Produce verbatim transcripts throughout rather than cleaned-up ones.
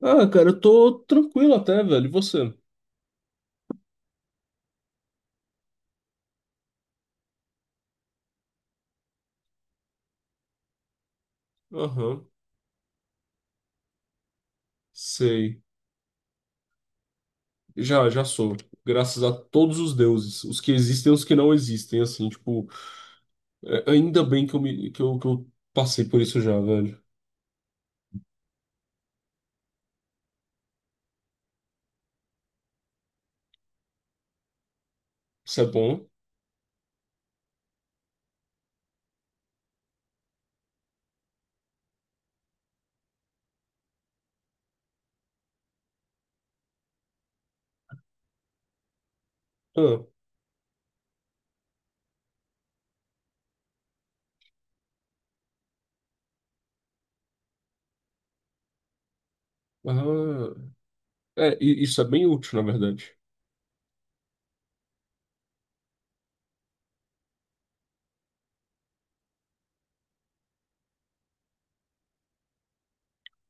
Ah, cara, eu tô tranquilo até, velho. E você? Aham, sei. Já, já sou. Graças a todos os deuses, os que existem e os que não existem, assim, tipo, é, ainda bem que eu, me, que eu, que eu passei por isso já, velho. Isso é bom. Ah, ah, é, e isso é bem útil, na verdade.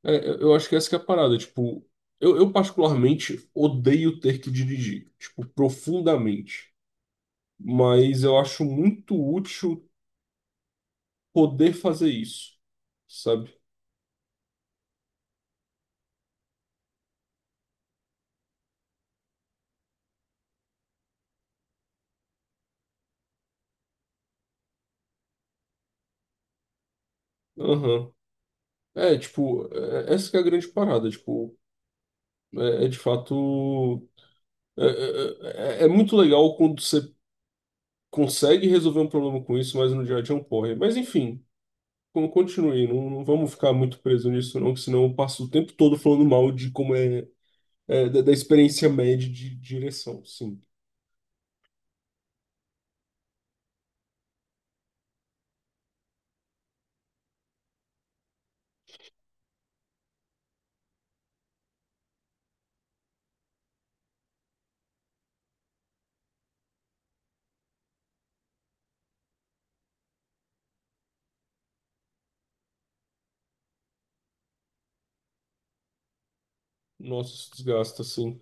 É, eu eu acho que essa que é a parada, tipo, eu, eu particularmente odeio ter que dirigir, tipo, profundamente, mas eu acho muito útil poder fazer isso, sabe? Aham. É, tipo, é- essa que é a grande parada, tipo, é, é de fato. É, é- é- é é muito legal quando você consegue resolver um problema com isso, mas no dia a dia é um porre. Mas enfim, con- continue, não, não vamos ficar muito preso nisso, não, que senão eu passo o tempo todo falando mal de como é, é, da, da experiência média de direção. Sim. Nossa, isso desgasta, sim.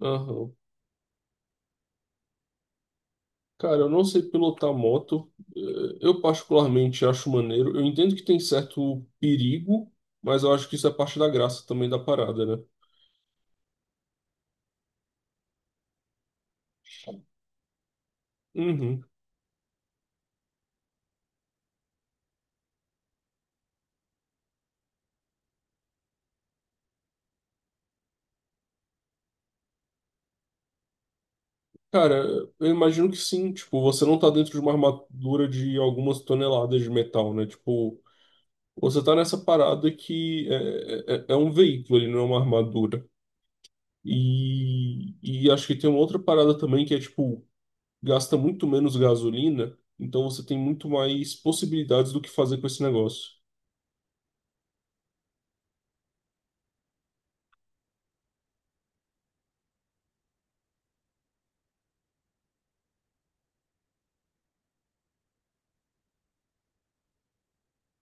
Aham. Cara, eu não sei pilotar moto. Eh, Eu particularmente acho maneiro. Eu entendo que tem certo perigo, mas eu acho que isso é parte da graça também da parada, né? Uhum. Cara, eu imagino que sim. Tipo, você não tá dentro de uma armadura de algumas toneladas de metal, né? Tipo, você tá nessa parada que é, é, é um veículo, ele não é uma armadura. E, e acho que tem uma outra parada também que é, tipo, gasta muito menos gasolina, então você tem muito mais possibilidades do que fazer com esse negócio.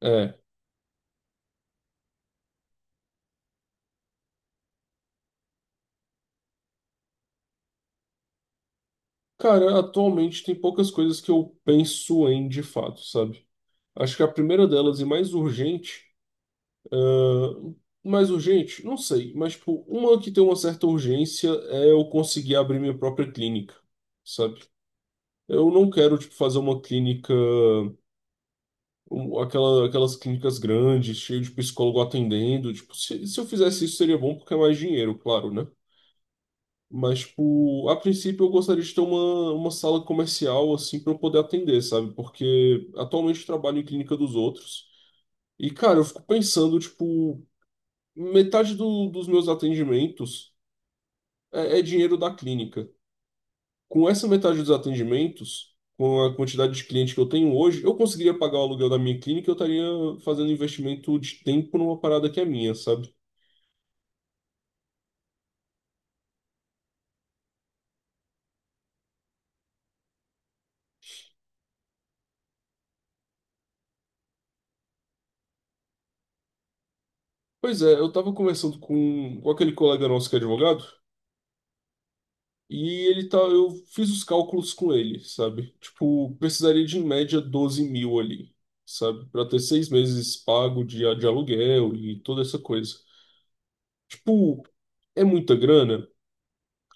É. Cara, atualmente tem poucas coisas que eu penso em de fato, sabe? Acho que a primeira delas e mais urgente, ah, mais urgente, não sei, mas tipo, uma que tem uma certa urgência é eu conseguir abrir minha própria clínica, sabe? Eu não quero tipo fazer uma clínica, um- aquela, aquelas clínicas grandes, cheio de psicólogo atendendo, tipo, se, se eu fizesse isso seria bom porque é mais dinheiro, claro, né? Mas, tipo, a princípio eu gostaria de ter uma, uma sala comercial, assim, para eu poder atender, sabe? Porque atualmente eu trabalho em clínica dos outros. E, cara, eu fico pensando, tipo, metade do- dos meus atendimentos é, é dinheiro da clínica. Com essa metade dos atendimentos, com a quantidade de cliente que eu tenho hoje, eu conseguiria pagar o aluguel da minha clínica e eu estaria fazendo investimento de tempo numa parada que é minha, sabe? Pois é, eu tava conversando com, com aquele colega nosso que é advogado. E ele tá, eu fiz os cálculos com ele, sabe? Tipo, precisaria de em média doze mil ali, sabe? Pra ter seis meses pago de, de aluguel e toda essa coisa. Tipo, é muita grana?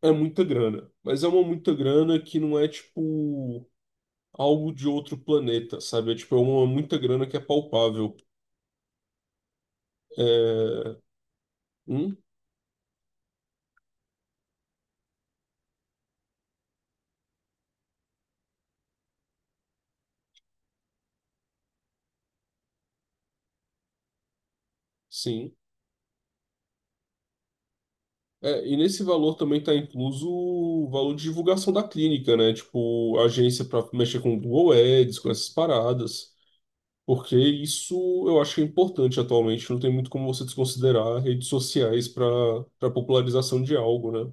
É muita grana. Mas é uma muita grana que não é, tipo, algo de outro planeta, sabe? É, tipo, é uma muita grana que é palpável. É. Hum? Sim. É, e nesse valor também está incluso o valor de divulgação da clínica, né? Tipo, agência para mexer com o Google Ads, com essas paradas. Porque isso eu acho que é importante atualmente. Não tem muito como você desconsiderar redes sociais para para popularização de algo, né?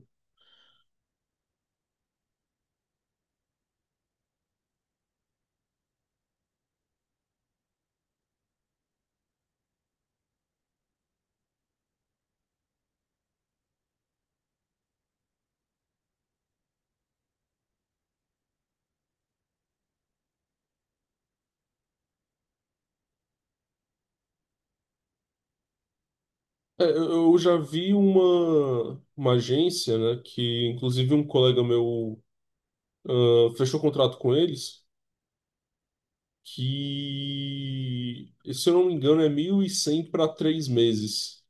É, eu eu já vi uma, uma agência, né? Que inclusive um colega meu ah, fechou contrato com eles. Que, se eu não me engano, é mil e cem para três meses.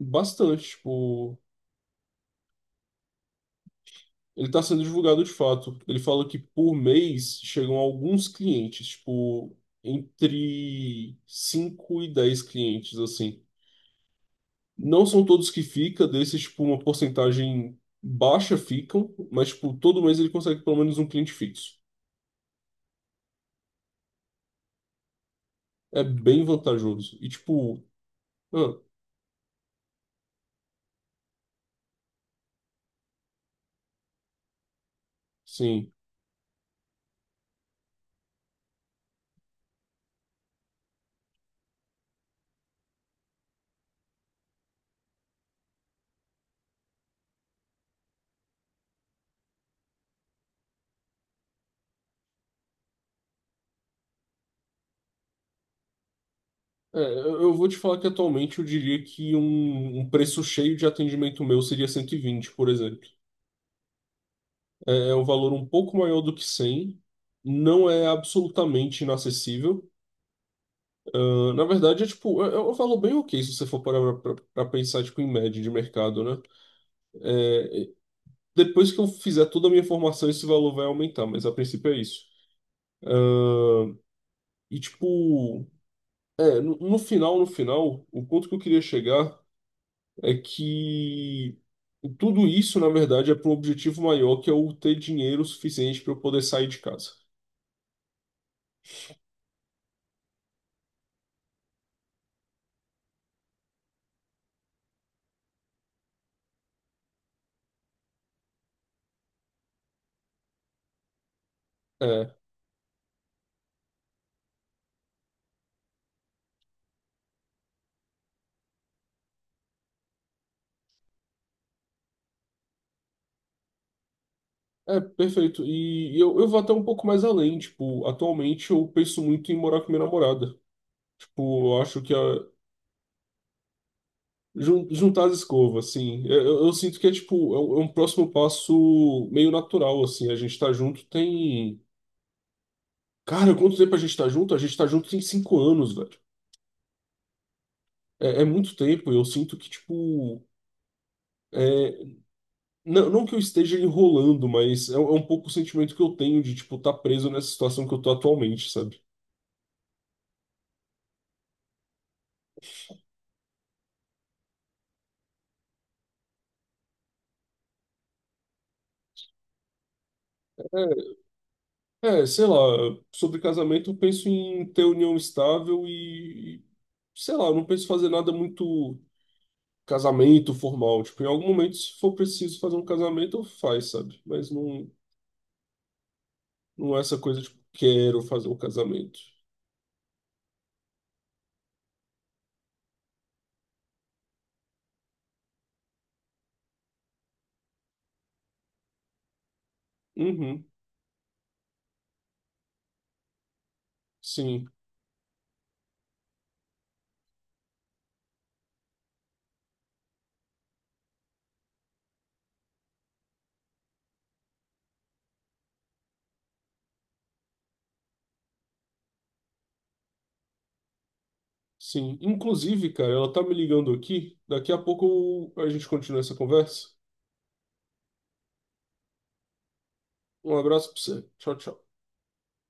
Bastante, tipo, ele tá sendo divulgado de fato. Ele fala que por mês chegam alguns clientes, tipo, entre cinco e dez clientes, assim. Não são todos que fica, desses, tipo, uma porcentagem baixa ficam, mas, tipo, todo mês ele consegue pelo menos um cliente fixo. É bem vantajoso. E, tipo, ah, sim. É, eu eu vou te falar que atualmente eu diria que um, um preço cheio de atendimento meu seria cento e vinte, por exemplo. É é um valor um pouco maior do que cem. Não é absolutamente inacessível. Ah, na verdade, é tipo, é é um valor bem ok se você for parar pra, pra pensar tipo, em média de mercado, né? É, depois que eu fizer toda a minha formação, esse valor vai aumentar, mas a princípio é isso. E tipo, é, no, no final, no final, o ponto que eu queria chegar é que tudo isso, na verdade, é para um objetivo maior, que é o ter dinheiro suficiente para eu poder sair de casa. É. É, perfeito. E eu, eu vou até um pouco mais além. Tipo, atualmente eu penso muito em morar com minha namorada. Tipo, eu acho que a, jun- juntar as escovas, assim. Eu, eu- eu sinto que é, tipo, é um, é um próximo passo meio natural, assim. A gente tá junto tem. Cara, quanto tempo a gente tá junto? A gente tá junto tem cinco anos, velho. É, é muito tempo. Eu sinto que, tipo. É. Não, não que eu esteja enrolando, mas é, um- é um pouco o sentimento que eu tenho de, tipo, tá preso nessa situação que eu tô atualmente, sabe? É, sei lá, sobre casamento eu penso em ter união estável e, e, sei lá, eu não penso em fazer nada muito casamento formal. Tipo, em algum momento, se for preciso fazer um casamento, eu faz, sabe? Mas não, não é essa coisa, tipo, quero fazer um casamento. Uhum, sim, sim. Inclusive, cara, ela tá me ligando aqui. Daqui a pouco a gente continua essa conversa. Um abraço pra você. Tchau, tchau.